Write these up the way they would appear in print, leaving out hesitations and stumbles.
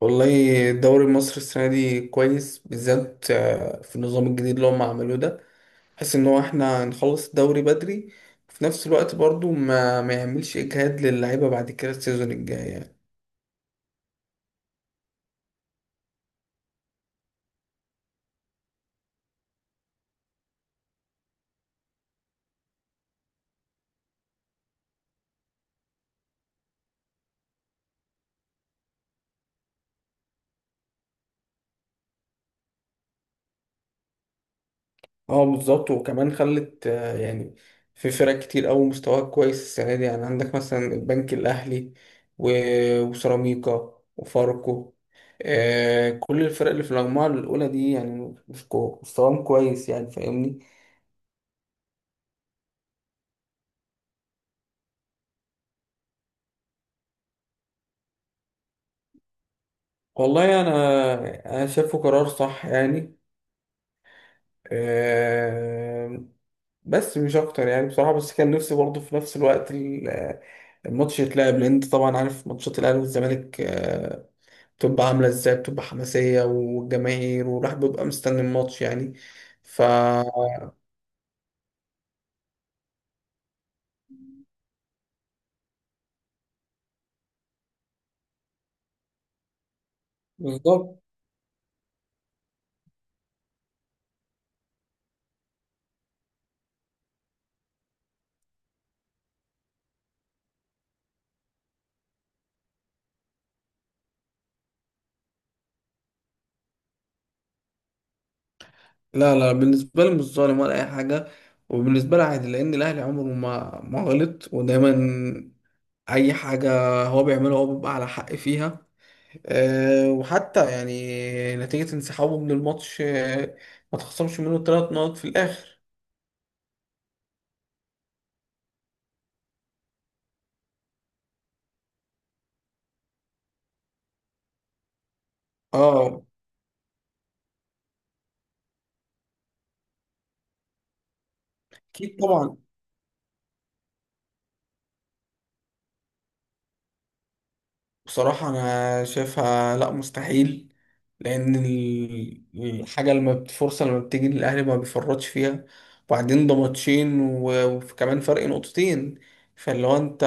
والله. الدوري المصري السنة دي كويس بالذات، في النظام الجديد اللي هم عملوه ده، بحيث ان هو احنا نخلص الدوري بدري، وفي نفس الوقت برضو ما يعملش اجهاد للعيبة بعد كده السيزون الجاي يعني. اه، بالظبط، وكمان خلت، يعني في فرق كتير قوي مستواها كويس السنة دي، يعني عندك مثلا البنك الأهلي وسيراميكا وفاركو. كل الفرق اللي في المجموعة الأولى دي يعني مستواهم كويس، يعني فاهمني. والله، انا شايفه قرار صح يعني. آه، بس مش اكتر يعني، بصراحه، بس كان نفسي برضه في نفس الوقت الماتش يتلعب، لان انت طبعا عارف ماتشات الاهلي والزمالك بتبقى عامله ازاي، بتبقى حماسيه والجماهير، والواحد بيبقى مستني الماتش يعني. ف بالظبط. لا، لا، بالنسبه لي مش ظالم ولا اي حاجه، وبالنسبه لي عادي لان الاهلي عمره ما غلط، ودايما اي حاجه هو بيعملها هو بيبقى على حق فيها. وحتى يعني نتيجة انسحابه من الماتش، ما تخصمش منه 3 نقط في الآخر. اه، أكيد طبعا. بصراحة أنا شايفها لأ، مستحيل، لأن الحاجة لما الفرصة لما بتيجي للأهلي ما بيفرطش فيها. وبعدين ده ماتشين وكمان فرق نقطتين، فاللي هو أنت،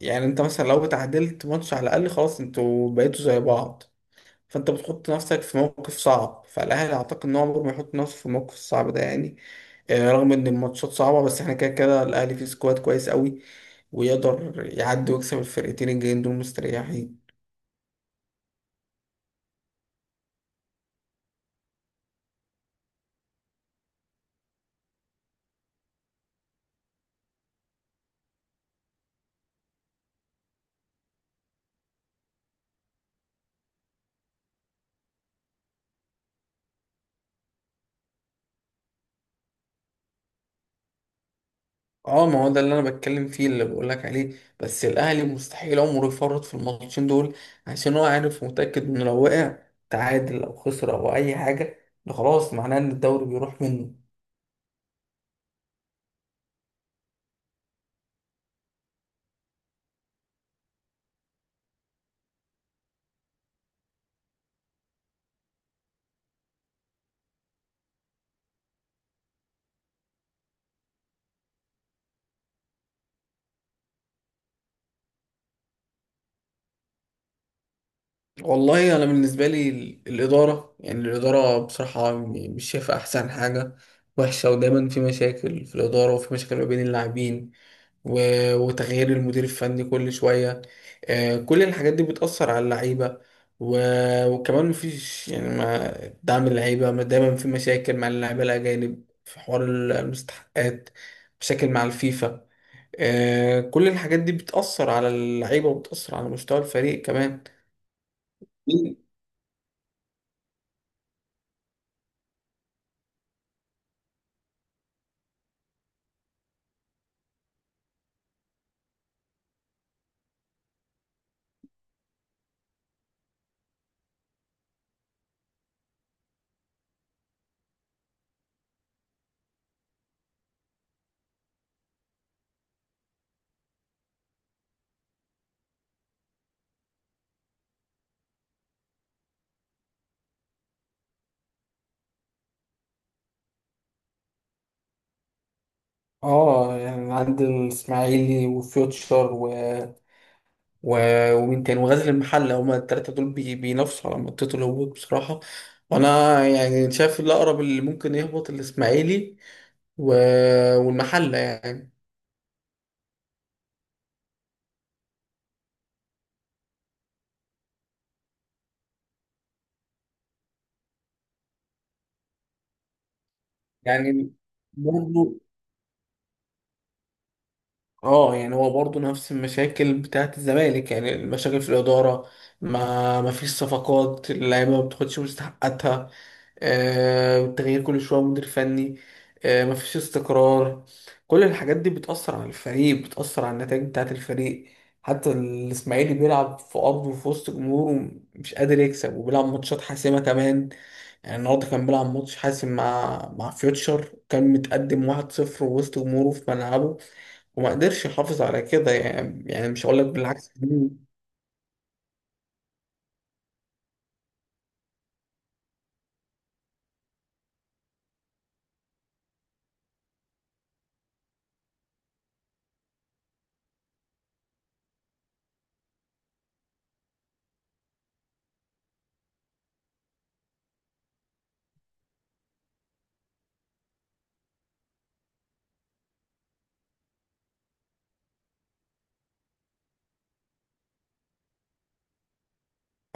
يعني أنت مثلا لو اتعادلت ماتش على الأقل، خلاص، أنتوا بقيتوا زي بعض، فانت بتحط نفسك في موقف صعب. فالاهلي اعتقد ان هو عمره ما يحط نفسه في الموقف الصعب ده يعني، رغم ان الماتشات صعبه، بس احنا كده كده الاهلي فيه سكواد كويس قوي، ويقدر يعدي ويكسب الفرقتين الجايين دول مستريحين. اه، ما هو ده اللي انا بتكلم فيه، اللي بقول لك عليه، بس الاهلي مستحيل عمره يفرط في الماتشين دول، عشان هو عارف ومتاكد انه لو وقع تعادل او خسر او اي حاجه، ده خلاص معناه ان الدوري بيروح منه. والله انا بالنسبه لي الاداره يعني، الاداره بصراحه يعني مش شايفه احسن حاجه، وحشه، ودايما في مشاكل في الاداره، وفي مشاكل ما بين اللاعبين، وتغيير المدير الفني كل شويه. كل الحاجات دي بتاثر على اللعيبه. وكمان مفيش يعني ما دعم اللعيبه، ما دايما في مشاكل مع اللعيبه الاجانب في حوار المستحقات، مشاكل مع الفيفا. كل الحاجات دي بتاثر على اللعيبه، وبتاثر على مستوى الفريق كمان. اه، يعني عند الاسماعيلي وفيوتشر و... ومين تاني وغزل المحله، هما التلاته دول بينافسوا على منطقه الهبوط بصراحه. وانا يعني شايف الاقرب اللي ممكن يهبط الاسماعيلي و... والمحله يعني. يعني برضه، اه، يعني هو برضه نفس المشاكل بتاعت الزمالك، يعني المشاكل في الإدارة، ما فيش صفقات، اللعيبة ما بتاخدش مستحقاتها، تغيير كل شوية مدير فني، ما فيش استقرار، كل الحاجات دي بتأثر على الفريق، بتأثر على النتائج بتاعت الفريق. حتى الإسماعيلي بيلعب في أرضه وفي وسط جمهوره مش قادر يكسب، وبيلعب ماتشات حاسمة كمان، يعني النهارده كان بيلعب ماتش حاسم مع فيوتشر، كان متقدم 1-0 وسط جمهوره في ملعبه، وما قدرش يحافظ على كده يعني مش هقول لك، بالعكس.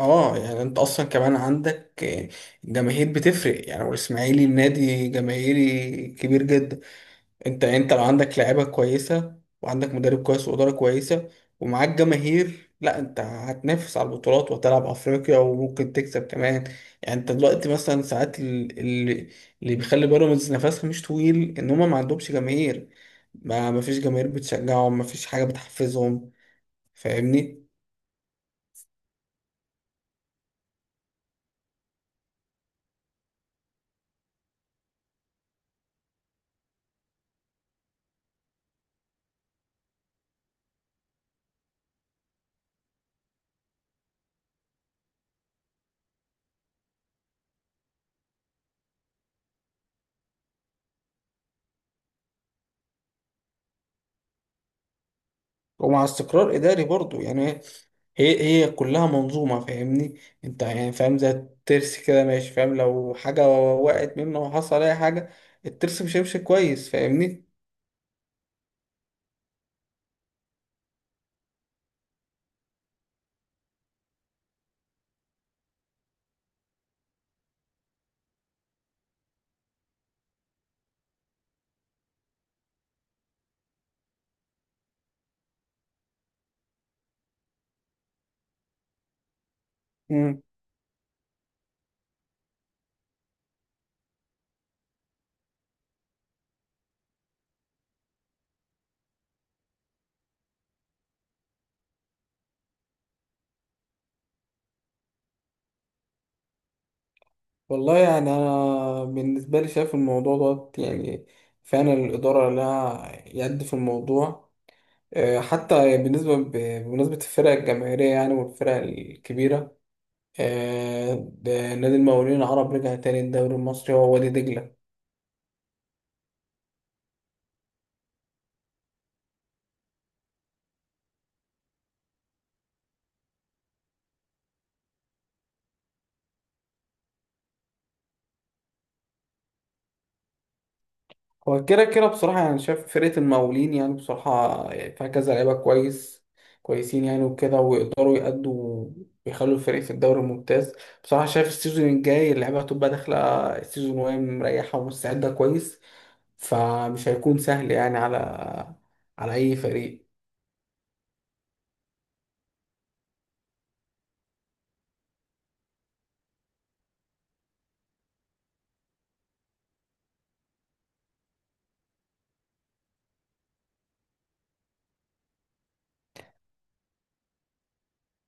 اه، يعني انت اصلا كمان عندك جماهير بتفرق، يعني والاسماعيلي نادي جماهيري كبير جدا، انت لو عندك لعيبه كويسه، وعندك مدرب كويس، واداره كويسه، ومعاك جماهير، لا انت هتنافس على البطولات، وهتلعب افريقيا، وممكن تكسب كمان. يعني انت دلوقتي مثلا ساعات اللي بيخلي بيراميدز نفسها مش طويل ان هما ما عندهمش جماهير، ما فيش جماهير بتشجعهم، ما فيش حاجه بتحفزهم، فاهمني. ومع استقرار إداري برضو يعني، هي كلها منظومة. فاهمني انت يعني، فاهم زي الترس كده ماشي، فاهم لو حاجة وقعت منه وحصل أي حاجة، الترس مش هيمشي كويس، فاهمني. مم. والله يعني أنا بالنسبة لي شايف الموضوع ده يعني فعلا الإدارة لها يد في الموضوع. حتى بالنسبة بمناسبة الفرق الجماهيرية، يعني والفرق الكبيرة. ده نادي المقاولين العرب رجع تاني الدوري المصري هو وادي دجلة. هو كده كده بصراحة يعني شايف فرقة المقاولين، يعني بصراحة يعني فيها كذا لعيبة كويس كويسين يعني وكده، ويقدروا يأدوا، ويخلوا الفريق في الدوري الممتاز. بصراحة شايف السيزون الجاي اللعيبة هتبقى داخلة السيزون وهي مريحة ومستعدة كويس، فمش هيكون سهل يعني على أي فريق.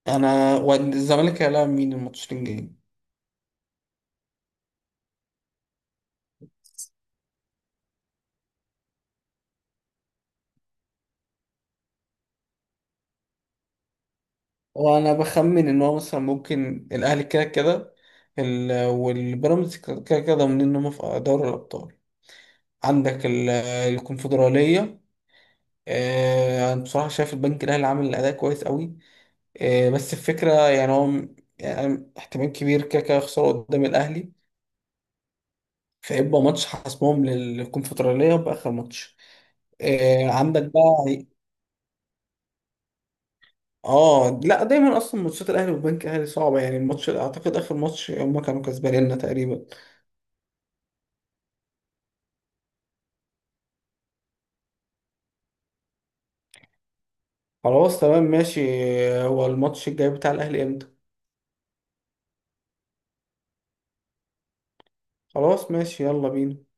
أنا، والزمالك هيلاعب مين الماتشين الجايين؟ وأنا بخمن إن هو مثلا ممكن الأهلي كده كده، والبيراميدز كده كده ضامنين إن هم في دوري الأبطال. عندك الكونفدرالية. أنا بصراحة شايف البنك الأهلي عامل أداء كويس قوي. بس الفكرة يعني هو يعني احتمال كبير كده كده يخسروا قدام الأهلي، فيبقى ماتش حاسمهم للكونفدرالية بآخر ماتش. عندك بقى. اه، لا، دايما اصلا ماتشات الاهلي والبنك الاهلي صعبه، يعني الماتش اعتقد اخر ماتش هم كانوا كسبانيننا تقريبا. خلاص، تمام، ماشي. هو الماتش الجاي بتاع الاهلي امتى؟ خلاص، ماشي، يلا بينا.